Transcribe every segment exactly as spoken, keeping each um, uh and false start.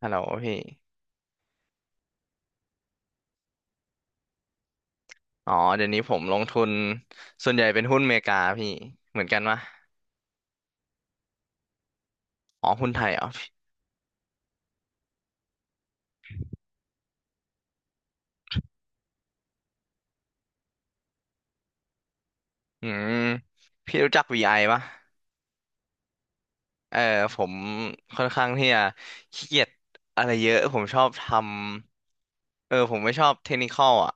ฮัลโหลพี่ อ๋อเดี๋ยวนี้ผมลงทุนส่วนใหญ่เป็นหุ้นอเมริกาพี่เหมือนกันปะอ๋อหุ้นไทยเหรอพี่อืมพี่รู้จัก วี ไอ ปะเออผมค่อนข้างที่จะขี้เกียจอะไรเยอะผมชอบทำเออผมไม่ชอบเทคนิคอลอ่ะ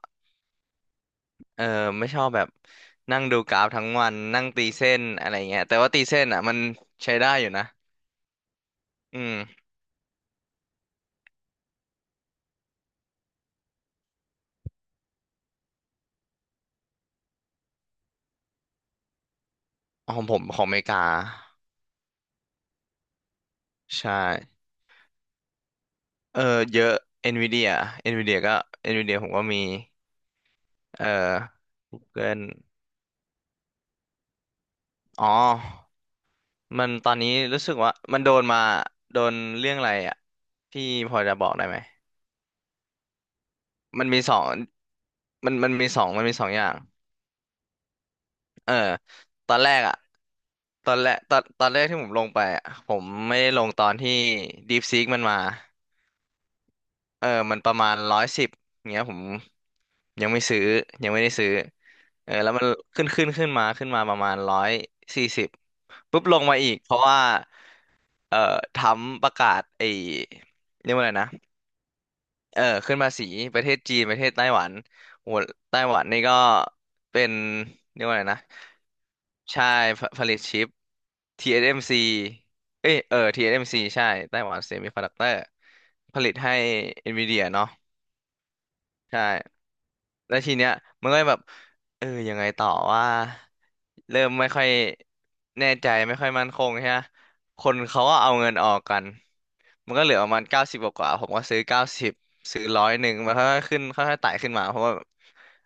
เออไม่ชอบแบบนั่งดูกราฟทั้งวันนั่งตีเส้นอะไรเงี้ยแต่ว่าตีเส้นอ่ะมันใช้ได้อยู่นะอืมของผมของอเมริกาใช่เออเยอะ NVIDIA NVIDIA ก็ NVIDIA ผมก็มี เออ Google อ๋อมันตอนนี้รู้สึกว่ามันโดนมาโดนเรื่องอะไรอ่ะพี่พอจะบอกได้ไหมมันมีสองมันมันมีสองมันมีสองอย่างเออตอนแรกอ่ะตอนแรกตอนตอนแรกที่ผมลงไปอ่ะผมไม่ได้ลงตอนที่ DeepSeek มันมาเออมันประมาณร้อยสิบเงี้ยผมยังไม่ซื้อยังไม่ได้ซื้อเออแล้วมันขึ้นขึ้นขึ้นมาขึ้นมาประมาณร้อยสี่สิบปุ๊บลงมาอีกเพราะว่า เอ่อทรัมป์ประกาศไอ้เรียกว่าอะไรนะเออขึ้นภาษีประเทศจีนประเทศไต้หวันโหไต้หวันนี่ก็เป็นเรียกว่าอะไรนะใช่ผผลิตชิป ที เอส เอ็ม ซี เอสเอ็มซีเอ้ยเออ ที เอส เอ็ม ซี ใช่ไต้หวันเซมิคอนดักเตอร์ผลิตให้ NVIDIA เนาะ ใช่แล้วทีเนี้ยมันก็แบบเออยังไงต่อว่าเริ่มไม่ค่อยแน่ใจไม่ค่อยมั่นคงใช่ไหมคนเขาก็เอาเงินออกกันมันก็เหลือประมาณเก้าสิบกว่าๆผมก็ซื้อเก้าสิบซื้อร้อยหนึ่งมันค่อยๆขึ้นค่อยๆไต่ขึ้นมาเพราะว่า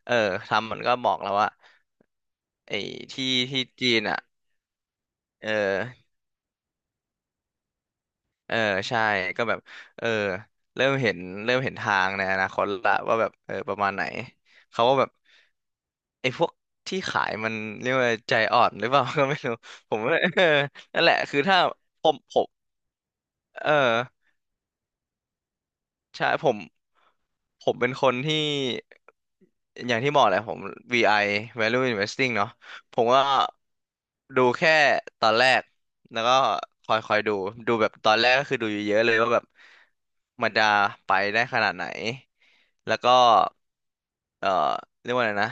เออทำมันก็บอกแล้วว่าไอ้ที่ที่จีนอ่ะเออ เออใช่ก็แบบเออเริ่มเห็นเริ่มเห็นทางในอนาคตละว่าแบบเออประมาณไหนเขาก็แบบไอ้พวกที่ขายมันเรียกว่าใจอ่อนหรือเปล่า ก็ไม่รู้ผมว่าเออ นั่นแหละคือถ้าผมผมเออ ใช่ผมผมเป็นคนที่อย่างที่บอกแหละผม วี ไอ Value Investing เนาะผมก็ดูแค่ตอนแรกแล้วก็คอยคอยดูดูแบบตอนแรกก็คือดูเยอะๆเลยว่าแบบมันจะไปได้ขนาดไหนแล้วก็เอ่อเรียกว่าอะไรนะ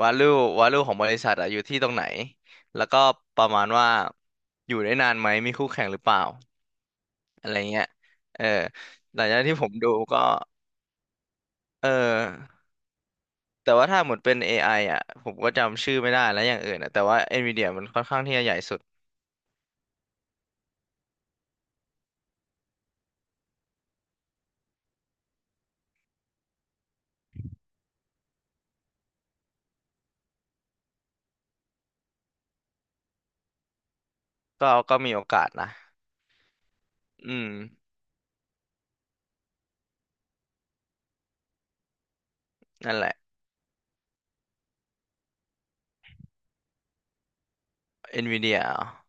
value value ของบริษัทอะอยู่ที่ตรงไหนแล้วก็ประมาณว่าอยู่ได้นานไหมมีคู่แข่งหรือเปล่าอะไรเงี้ยเออหลังจากที่ผมดูก็ เออแต่ว่าถ้าหมดเป็น เอ ไอ อไออ่ะผมก็จำชื่อไม่ได้แล้วอย่างอื่นอ่ะแต่ว่า NVIDIA มันค่อนข้างที่จะใหญ่สุดก็ก็มีโอกาสนะอืมนั่นแหละ NVIDIA เอร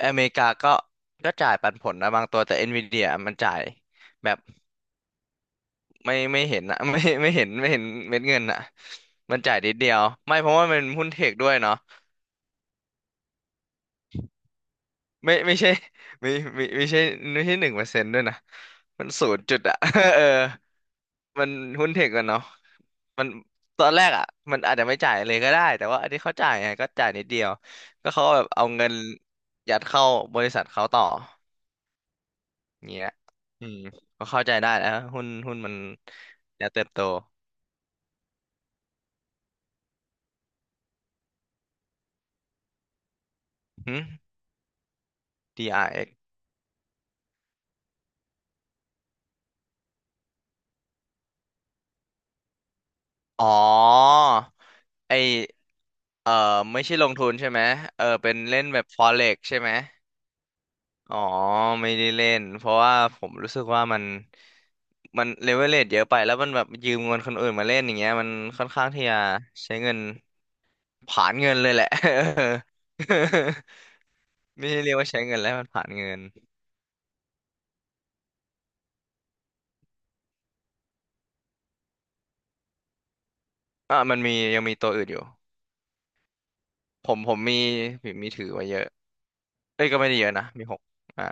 ออเมริกาก็ก็จ่ายปันผลนะบางตัวแต่ NVIDIA มันจ่ายแบบไม่ไม่เห็นนะ ไม่ไม่เห็นไม่เห็นเม็ดเงินอ่ะมันจ่ายนิดเดียวไม่เพราะว่ามันหุ้นเทคด้วยเนาะ ไม่ไม่ใช่ไม่ไม่ไม่ใช่ไม่ใช่หนึ่งเปอร์เซ็นต์ด้วยนะมันศูนย์จุดอะ เออมันหุ้นเทคกันเนาะมันตอนแรกอะมันอาจจะไม่จ่ายเลยก็ได้แต่ว่าอันนี้เขาจ่ายไงก็จ่ายนิดเดียวก็เขาแบบเอาเงินยัดเข้าบริษัทเขาต่ออย่างเงี้ยอืมก็เข้าใจได้นะหุ้นหุ้นมันจะเติบโตหึ ดี อาร์ เอ็กซ์ อาร์เอ็กซ์อ๋อไอเออไม่ใช่ลงทุนใช่ไหมเออเป็นเล่นแบบ Forex ใช่ไหม อ๋อไม่ได้เล่นเพราะว่าผมรู้สึกว่ามันมันเลเวลเลทเยอะไปแล้วมันแบบยืมเงินคนอื่นมาเล่นอย่างเงี้ยมันค่อนข้างที่จะใช้เงินผลาญเงินเลยแหละ ไม่ได้เรียกว่าใช้เงินแล้วมันผลาญเงินอ่ะมันมียังมีตัวอื่นอยู่ผมผมมีมีมีถือไว้เยอะเอ้ยก็ไม่ได้เยอะนะมีหกอ่า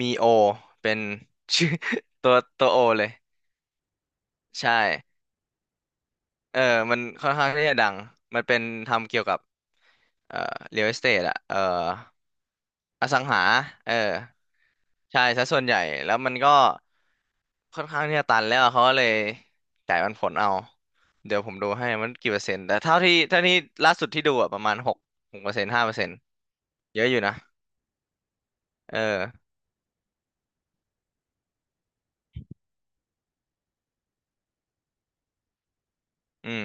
มีโอเป็นชื่อ ตัวตัวโอเลยใช่เออมันค่อนข้างที่จะดังมันเป็นทำเกี่ยวกับเอ่อ real estate อะเออ อสังหา เออ ใช่ซะส่วนใหญ่ แล้วมันก็ค่อนข้างที่จะตันแล้วเขาก็เลยจ่ายปันผลเอา เดี๋ยวผมดูให้มันกี่เปอร์เซ็นต์ แต่เท่าที่เท่านี้ล่าสุดที่ดูอะประมาณหกหกเปอร์เซ็นต์ห้าเปอร์เซ็นต์เยอะอยู่นะ เออ อืม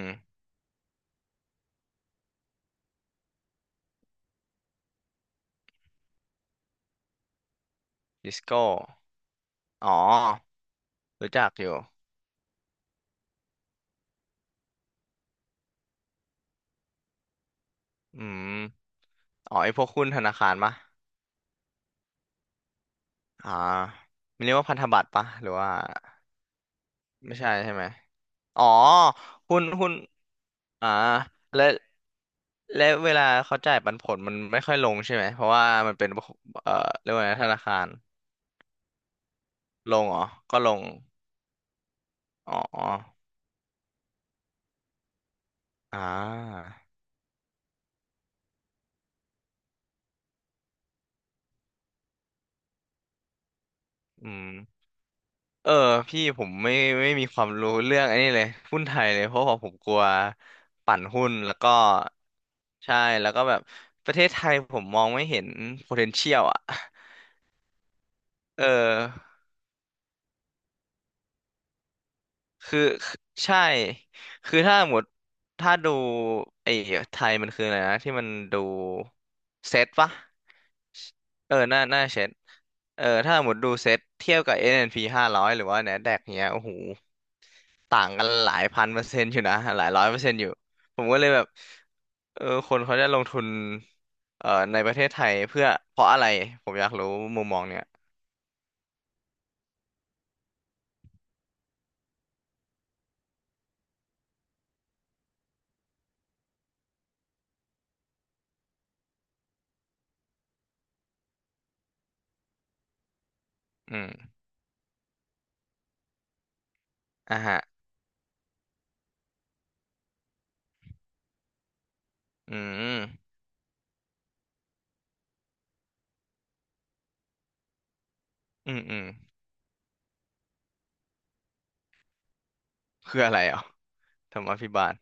ดิสโก้อ๋อรู้จักอยู่อืมอ๋อไอพวกหุ้นธนาคารปะอ่ามันเรียกว่าพันธบัตรปะหรือว่าไม่ใช่ใช่ไหม อ๋อ หุ้นหุ้นอ่าและและเวลาเขาจ่ายปันผลมันไม่ค่อยลงใช่ไหม เพราะว่ามันเป็นเอ่อเรียกว่าไงธนาคารลงเหรอก็ลง อ๋ออ่าอืมเออ พี่ผมไม่ไม่มีความรู้เรื่องไอันนี้เลย หุ้นไทยเลยเพราะว่าผมกลัวปั่นหุ้นแล้วก็ใช่แล้วก็แบบประเทศไทยผมมองไม่เห็น potential อ่ะเออ คือใช่คือถ้าหมดถ้าดูไอ้ไทยมันคืออะไรนะที่มันดูเซตปะเออน่าน่าเซตเออถ้าหมดดูเซตเทียบกับ n p ห้าร้อยหรือว่า NASDAQ เนี้ยโอ้โหต่างกันหลายพันเปอร์เซ็นต์อยู่นะหลายร้อยเปอร์เซ็นต์อยู่ผมก็เลยแบบเออคนเขาจะลงทุนเอ่อในประเทศไทยเพื่อเพราะอะไรผมอยากรู้มุมมองเนี้ยอืมอ่ะฮะอืมอืมอืมคืออะไรอ่ะธรรมาภิบาล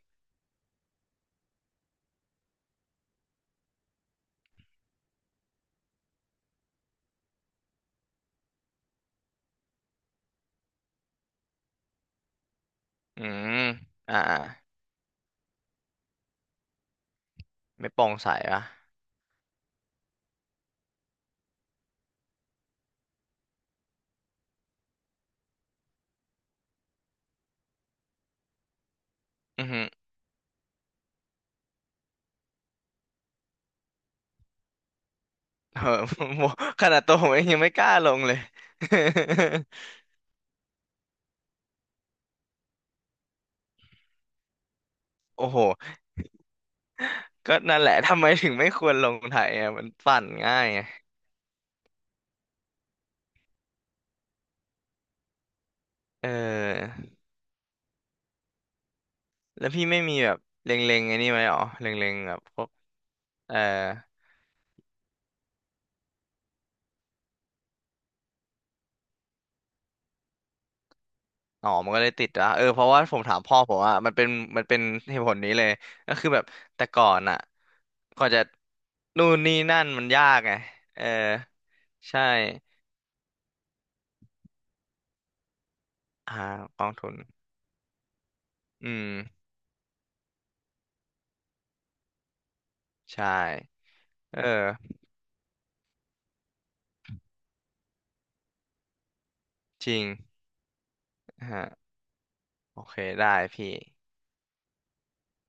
อืมอ่าไม่โปร่งใสอ่ะอือหือเออ ผมขนาดตัวผมเองยังไม่กล้าลงเลย โอ้โหก็นั่นแหละทำไมถึงไม่ควรลงไทยอ่ะมันปั่นง่ายไงเออแล้วพี่ไม่มีแบบเล็งๆไอ้นี่ไหมหรอเล็งๆแบบพวกเอออ๋อมันก็เลยติดอ่ะเออเพราะว่าผมถามพ่อผมอ่ะมันเป็นมันเป็นเหตุผลนี้เลยก็คือแบบแต่ก่อนอ่ะก่อนจะนู่นนี่นั่นมันยากไงเออใช่อ่ากองทุน อืมใช่เออจริงฮะโอเคได้พี่